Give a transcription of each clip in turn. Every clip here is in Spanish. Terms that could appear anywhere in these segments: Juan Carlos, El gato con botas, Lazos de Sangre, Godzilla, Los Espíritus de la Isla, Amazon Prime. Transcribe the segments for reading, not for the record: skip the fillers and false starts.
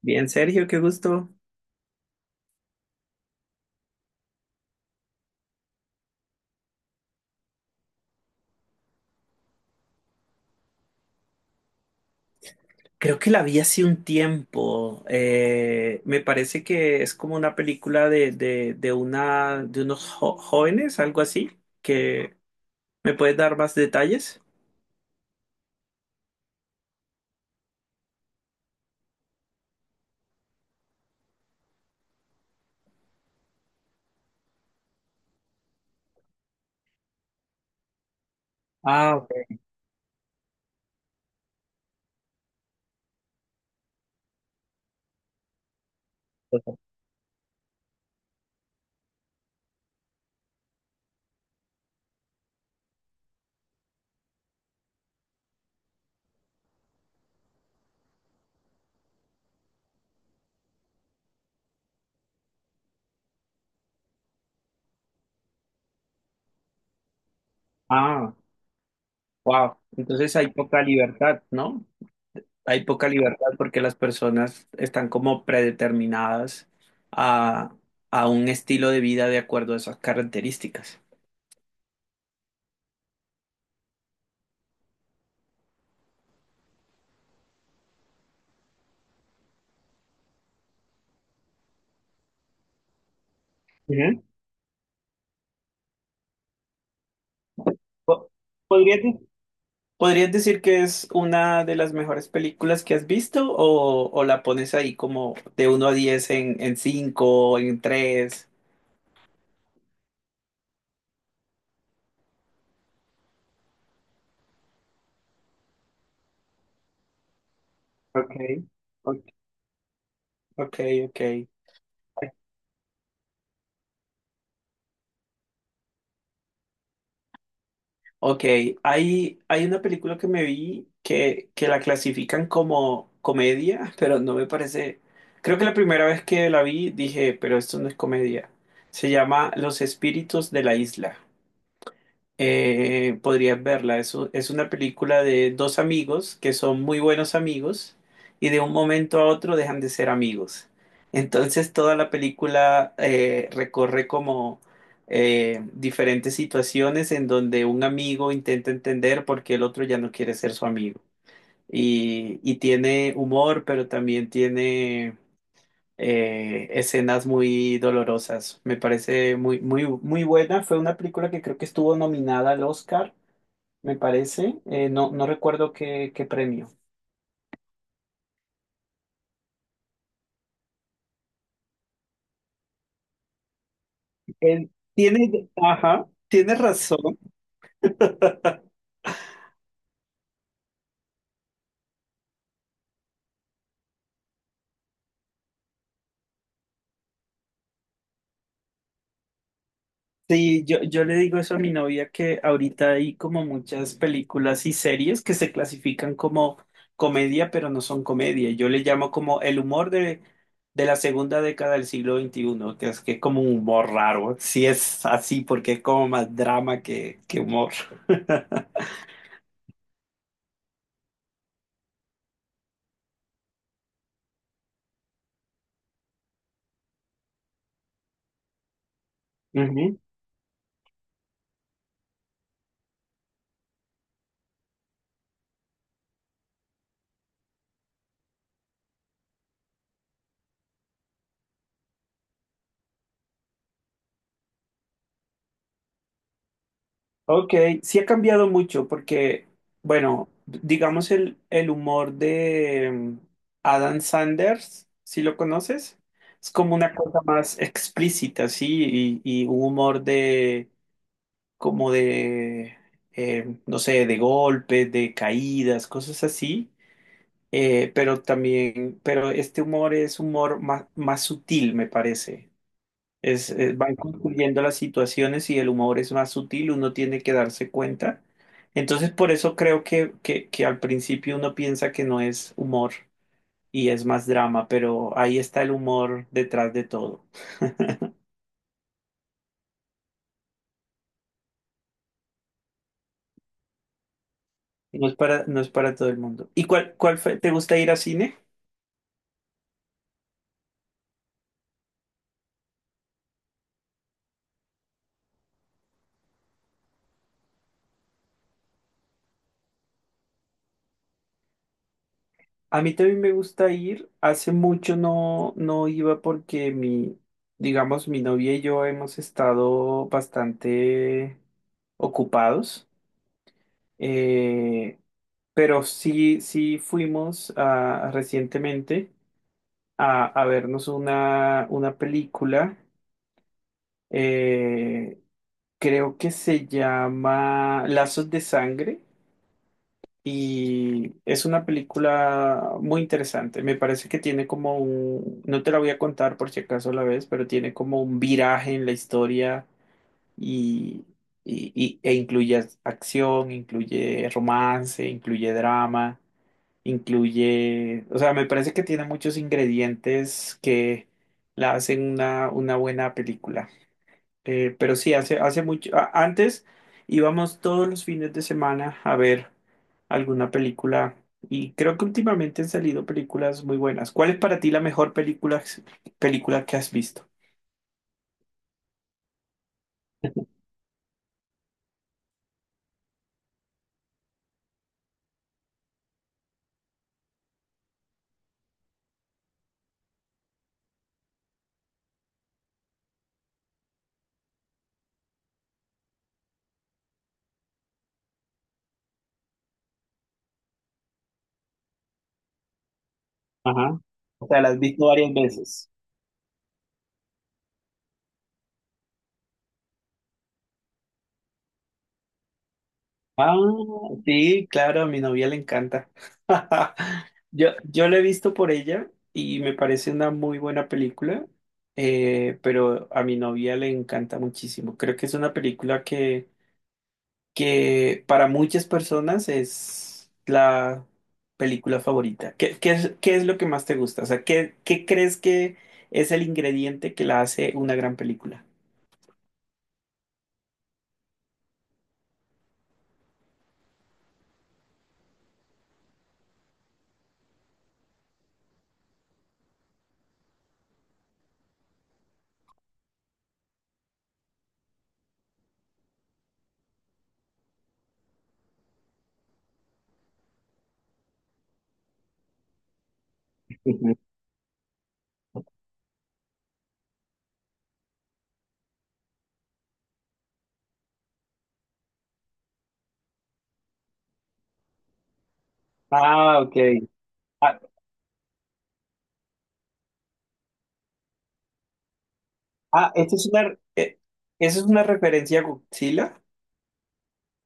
Bien, Sergio, qué gusto. Creo que la vi hace un tiempo. Me parece que es como una película de unos jóvenes, algo así, que me puedes dar más detalles. Ah, ok. Ah, wow. Entonces hay poca libertad, ¿no? Hay poca libertad porque las personas están como predeterminadas a, a un estilo de vida de acuerdo a esas características. Ujú. Po- ¿Podrías ¿Podrías decir que es una de las mejores películas que has visto o la pones ahí como de 1 a 10 en 5, en 3? Ok, ok, ok, ok. Ok, hay una película que me vi que la clasifican como comedia, pero no me parece. Creo que la primera vez que la vi dije, pero esto no es comedia. Se llama Los Espíritus de la Isla. Podrías verla. Es una película de dos amigos que son muy buenos amigos y de un momento a otro dejan de ser amigos. Entonces toda la película recorre como diferentes situaciones en donde un amigo intenta entender por qué el otro ya no quiere ser su amigo. Y tiene humor, pero también tiene escenas muy dolorosas. Me parece muy, muy, muy buena. Fue una película que creo que estuvo nominada al Oscar, me parece. No, no recuerdo qué, premio. Él tiene, ajá, tiene razón. Sí, yo le digo eso a mi novia que ahorita hay como muchas películas y series que se clasifican como comedia, pero no son comedia. Yo le llamo como el humor de la segunda década del siglo XXI que es como un humor raro. Sí es así porque es como más drama que humor. Ujú. Ok, sí ha cambiado mucho porque, bueno, digamos el humor de Adam Sanders, si lo conoces, es como una cosa más explícita, sí, y un humor de, como de, no sé, de golpes, de caídas, cosas así, pero este humor es humor más sutil, me parece. Van concluyendo las situaciones y el humor es más sutil, uno tiene que darse cuenta. Entonces, por eso creo que al principio uno piensa que no es humor y es más drama, pero ahí está el humor detrás de todo. No es para todo el mundo. ¿Y cuál fue? ¿Te gusta ir a cine? A mí también me gusta ir. Hace mucho no iba porque mi, digamos, mi novia y yo hemos estado bastante ocupados. Eh, pero sí, sí fuimos recientemente a vernos una película, eh, creo que se llama Lazos de Sangre y es una película muy interesante. Me parece que tiene como un, no te la voy a contar por si acaso la ves, pero tiene como un viraje en la historia y e incluye acción, incluye romance, incluye drama. Incluye, o sea, me parece que tiene muchos ingredientes que la hacen una buena película. Pero sí, hace mucho, antes íbamos todos los fines de semana a ver alguna película y creo que últimamente han salido películas muy buenas. ¿Cuál es para ti la mejor película que has visto? Ajá. O sea, la has visto varias veces. Ah, sí, claro, a mi novia le encanta. Yo la he visto por ella y me parece una muy buena película, pero a mi novia le encanta muchísimo. Creo que es una película que para muchas personas es la película favorita. ¿Qué es lo que más te gusta? O sea, ¿qué crees que es el ingrediente que la hace una gran película? Ah, ok. Ah, esa es una referencia a Godzilla.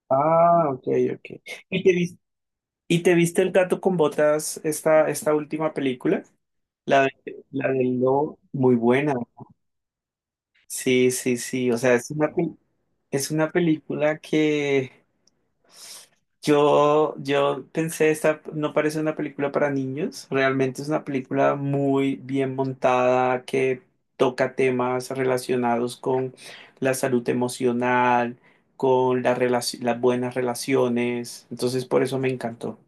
Ah, ok, ok. ¿Y te vis- y te viste el gato con botas, esta última película? La del lobo, muy buena. Sí, sí, sí. O sea, es una película que yo pensé, esta no parece una película para niños, realmente es una película muy bien montada que toca temas relacionados con la salud emocional, con las buenas relaciones, entonces por eso me encantó.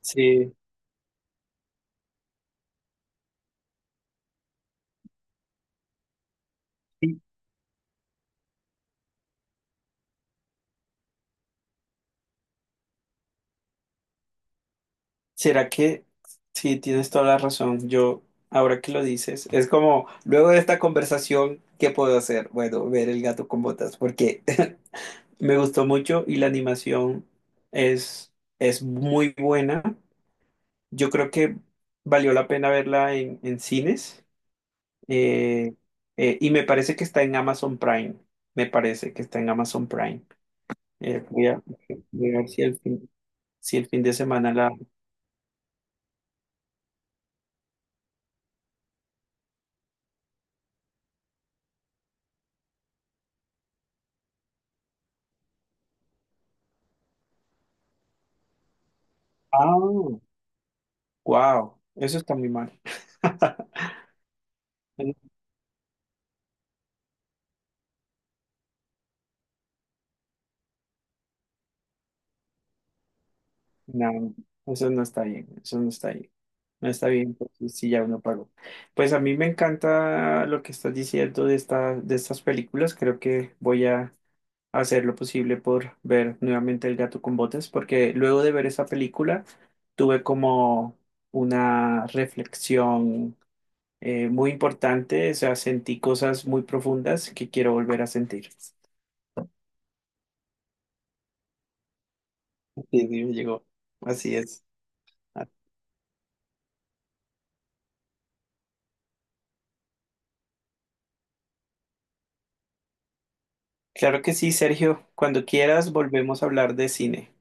Sí, será que sí, tienes toda la razón. Yo, ahora que lo dices, es como, luego de esta conversación, ¿qué puedo hacer? Bueno, ver el gato con botas, porque me gustó mucho y la animación es, es muy buena. Yo creo que valió la pena verla en cines, eh, y me parece que está en Amazon Prime. Me parece que está en Amazon Prime. Eh, voy a, voy a ver si el fin de semana la. Ah, wow, eso está muy mal. No, eso no está bien, eso no está bien. No está bien, porque si ya uno pagó. Pues a mí me encanta lo que estás diciendo de estas películas. Creo que voy a hacer lo posible por ver nuevamente El gato con botas, porque luego de ver esa película tuve como una reflexión muy importante. O sea, sentí cosas muy profundas que quiero volver a sentir. Sí, sí, me llegó. Así es. Claro que sí, Sergio. Cuando quieras, volvemos a hablar de cine.